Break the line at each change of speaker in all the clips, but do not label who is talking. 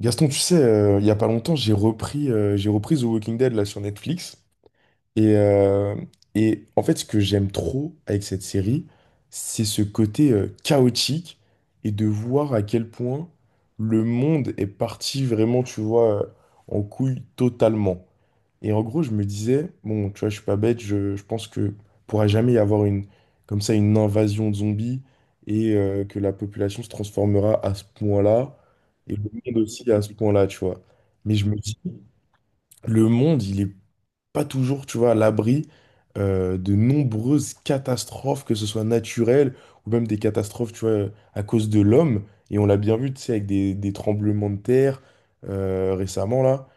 Gaston, tu sais, il y a pas longtemps, j'ai repris The Walking Dead là sur Netflix. Et, euh, et en fait, ce que j'aime trop avec cette série, c'est ce côté chaotique et de voir à quel point le monde est parti vraiment, tu vois, en couille totalement. Et en gros, je me disais, bon, tu vois, je suis pas bête, je pense que pourra jamais y avoir une, comme ça, une invasion de zombies et que la population se transformera à ce point-là et le monde aussi à ce point-là, tu vois. Mais je me dis, le monde, il est pas toujours, tu vois, à l'abri de nombreuses catastrophes, que ce soit naturelles ou même des catastrophes, tu vois, à cause de l'homme. Et on l'a bien vu, tu sais, avec des tremblements de terre récemment, là,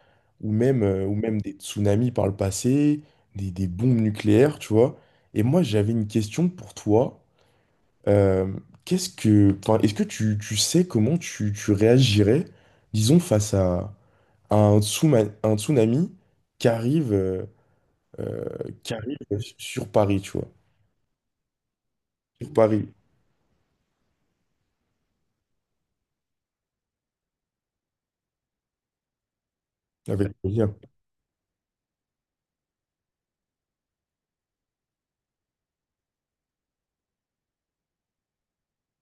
ou même, ou même des tsunamis par le passé, des bombes nucléaires, tu vois. Et moi, j'avais une question pour toi. Euh, est-ce que tu sais comment tu réagirais, disons, face à un un tsunami qui arrive. Euh, qui arrive sur Paris, tu vois. Sur Paris, avec plaisir.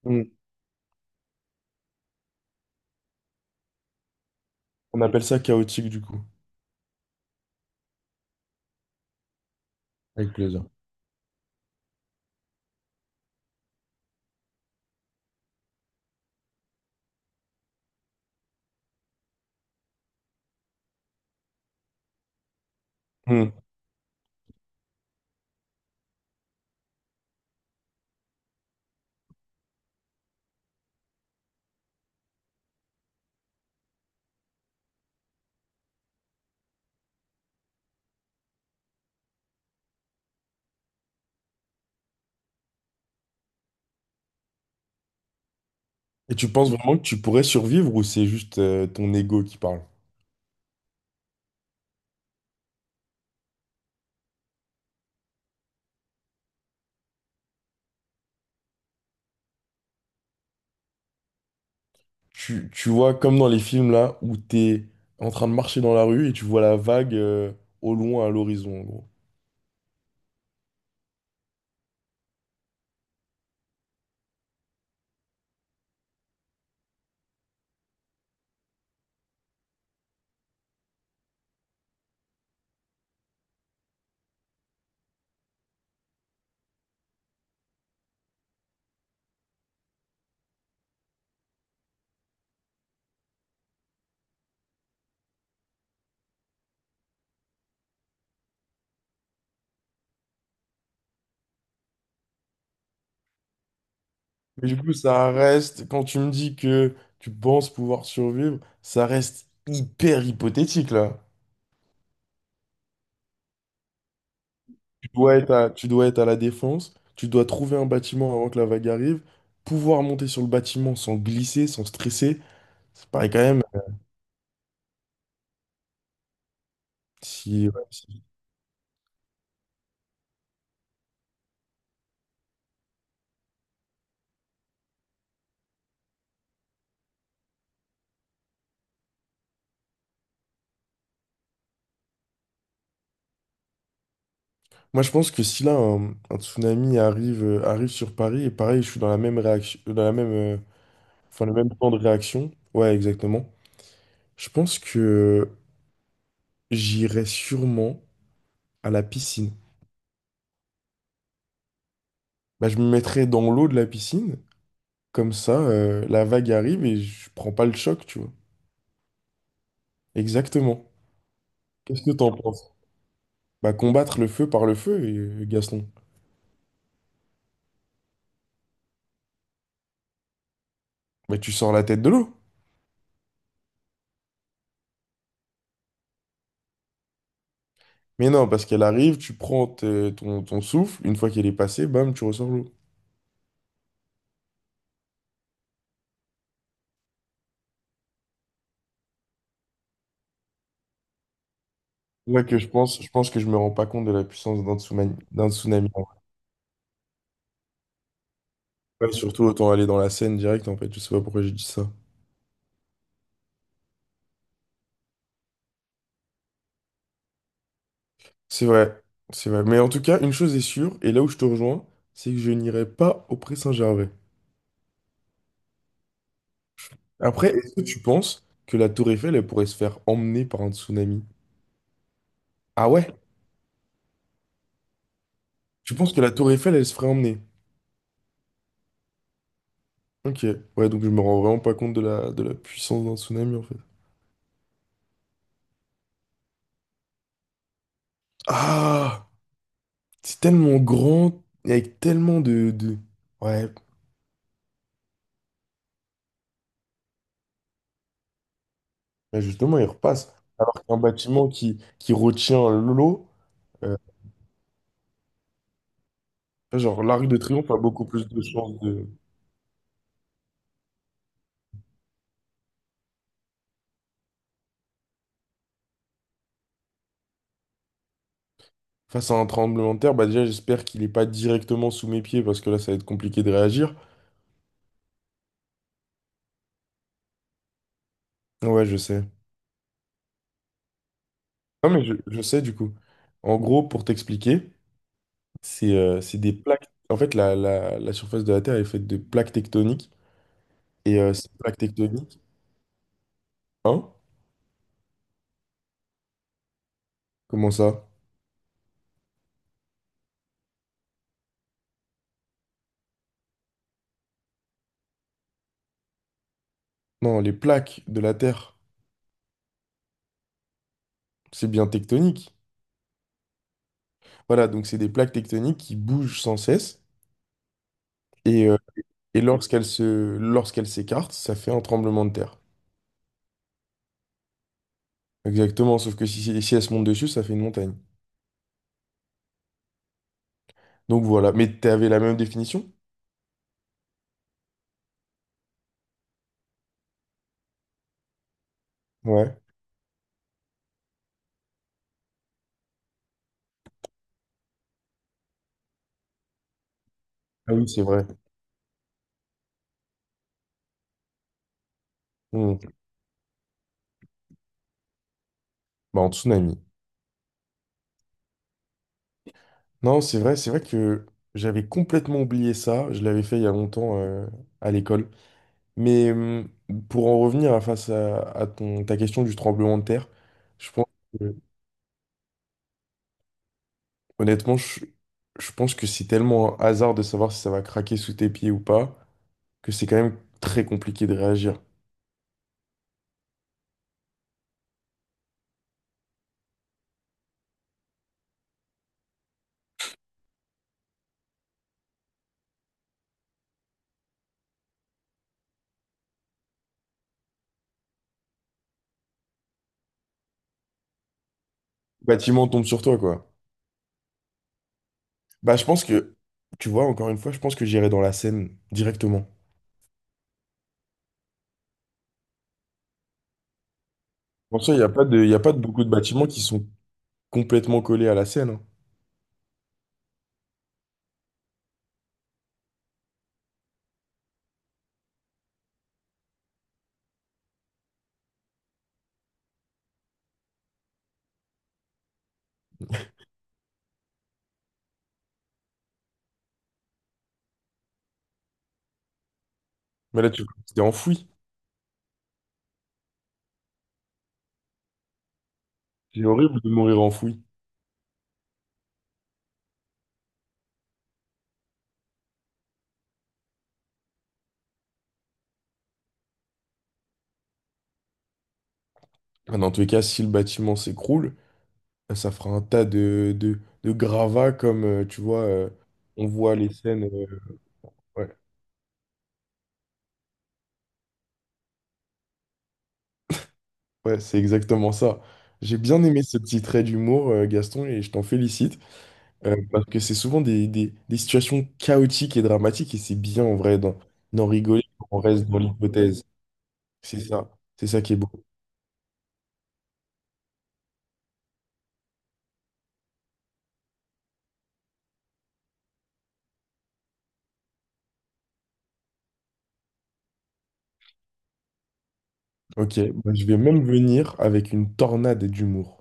Mm. On appelle ça chaotique du coup. Avec plaisir. Mm. Et tu penses vraiment que tu pourrais survivre ou c'est juste ton ego qui parle? Tu vois, comme dans les films là, où t'es en train de marcher dans la rue et tu vois la vague au loin à l'horizon, en gros. Mais du coup, ça reste, quand tu me dis que tu penses pouvoir survivre, ça reste hyper hypothétique là. Dois être à, tu dois être à la défense, tu dois trouver un bâtiment avant que la vague arrive, pouvoir monter sur le bâtiment sans glisser, sans stresser. Ça paraît quand même. Si, ouais, si- Moi, je pense que si là, un tsunami arrive, arrive sur Paris, et pareil, je suis dans la même réaction, dans la même, le même temps de réaction. Ouais, exactement. Je pense que j'irai sûrement à la piscine. Bah, je me mettrai dans l'eau de la piscine, comme ça, la vague arrive et je prends pas le choc, tu vois. Exactement. Qu'est-ce que t'en penses? Bah, combattre le feu par le feu, Gaston. Bah, tu sors la tête de l'eau. Mais non, parce qu'elle arrive, tu prends ton souffle, une fois qu'elle est passée, bam, tu ressors l'eau. C'est là que je pense que je me rends pas compte de la puissance d'un tsunami, d'un tsunami. En vrai. Ouais, surtout autant aller dans la Seine direct, en fait, je sais pas pourquoi j'ai dit ça. C'est vrai, c'est vrai. Mais en tout cas, une chose est sûre, et là où je te rejoins, c'est que je n'irai pas au Pré Saint-Gervais. Après, est-ce que tu penses que la Tour Eiffel, elle pourrait se faire emmener par un tsunami? Ah ouais? Tu penses que la Tour Eiffel, elle se ferait emmener? Ok, ouais, donc je me rends vraiment pas compte de la puissance d'un tsunami en fait. Ah, c'est tellement grand, et avec tellement de... Ouais, bah justement, il repasse. Alors qu'un bâtiment qui retient l'eau, euh, genre l'Arc de Triomphe a beaucoup plus de chances de... Face à un tremblement de terre, bah déjà j'espère qu'il est pas directement sous mes pieds parce que là ça va être compliqué de réagir. Ouais, je sais. Non mais je sais du coup. En gros, pour t'expliquer, c'est des plaques... En fait, la surface de la Terre est faite de plaques tectoniques. Et ces plaques tectoniques, hein? Comment ça? Non, les plaques de la Terre, c'est bien tectonique. Voilà, donc c'est des plaques tectoniques qui bougent sans cesse. Et, euh, et lorsqu'elles s'écartent, ça fait un tremblement de terre. Exactement, sauf que si elles se montent dessus, ça fait une montagne. Donc voilà, mais t'avais la même définition? Ouais. Ah oui, c'est vrai. Hmm. Bah, en tsunami. Non, c'est vrai que j'avais complètement oublié ça. Je l'avais fait il y a longtemps à l'école. Mais pour en revenir à face à ton, ta question du tremblement de terre, je pense que- honnêtement, je pense que c'est tellement un hasard de savoir si ça va craquer sous tes pieds ou pas, que c'est quand même très compliqué de réagir. Le bâtiment tombe sur toi, quoi. Bah, je pense que, tu vois, encore une fois, je pense que j'irai dans la Seine directement. Pour ça, il y a pas de beaucoup de bâtiments qui sont complètement collés à la Seine. Hein. Mais là, tu t'es enfoui. C'est horrible de mourir enfoui. Enfin, dans tous les cas, si le bâtiment s'écroule, ça fera un tas de gravats comme, tu vois, on voit les scènes. Ouais, ouais, c'est exactement ça. J'ai bien aimé ce petit trait d'humour, Gaston, et je t'en félicite, parce que c'est souvent des situations chaotiques et dramatiques, et c'est bien en vrai d'en d'en rigoler, on reste dans l'hypothèse. C'est ça, c'est ça qui est beau. Ok, bah, je vais même venir avec une tornade d'humour.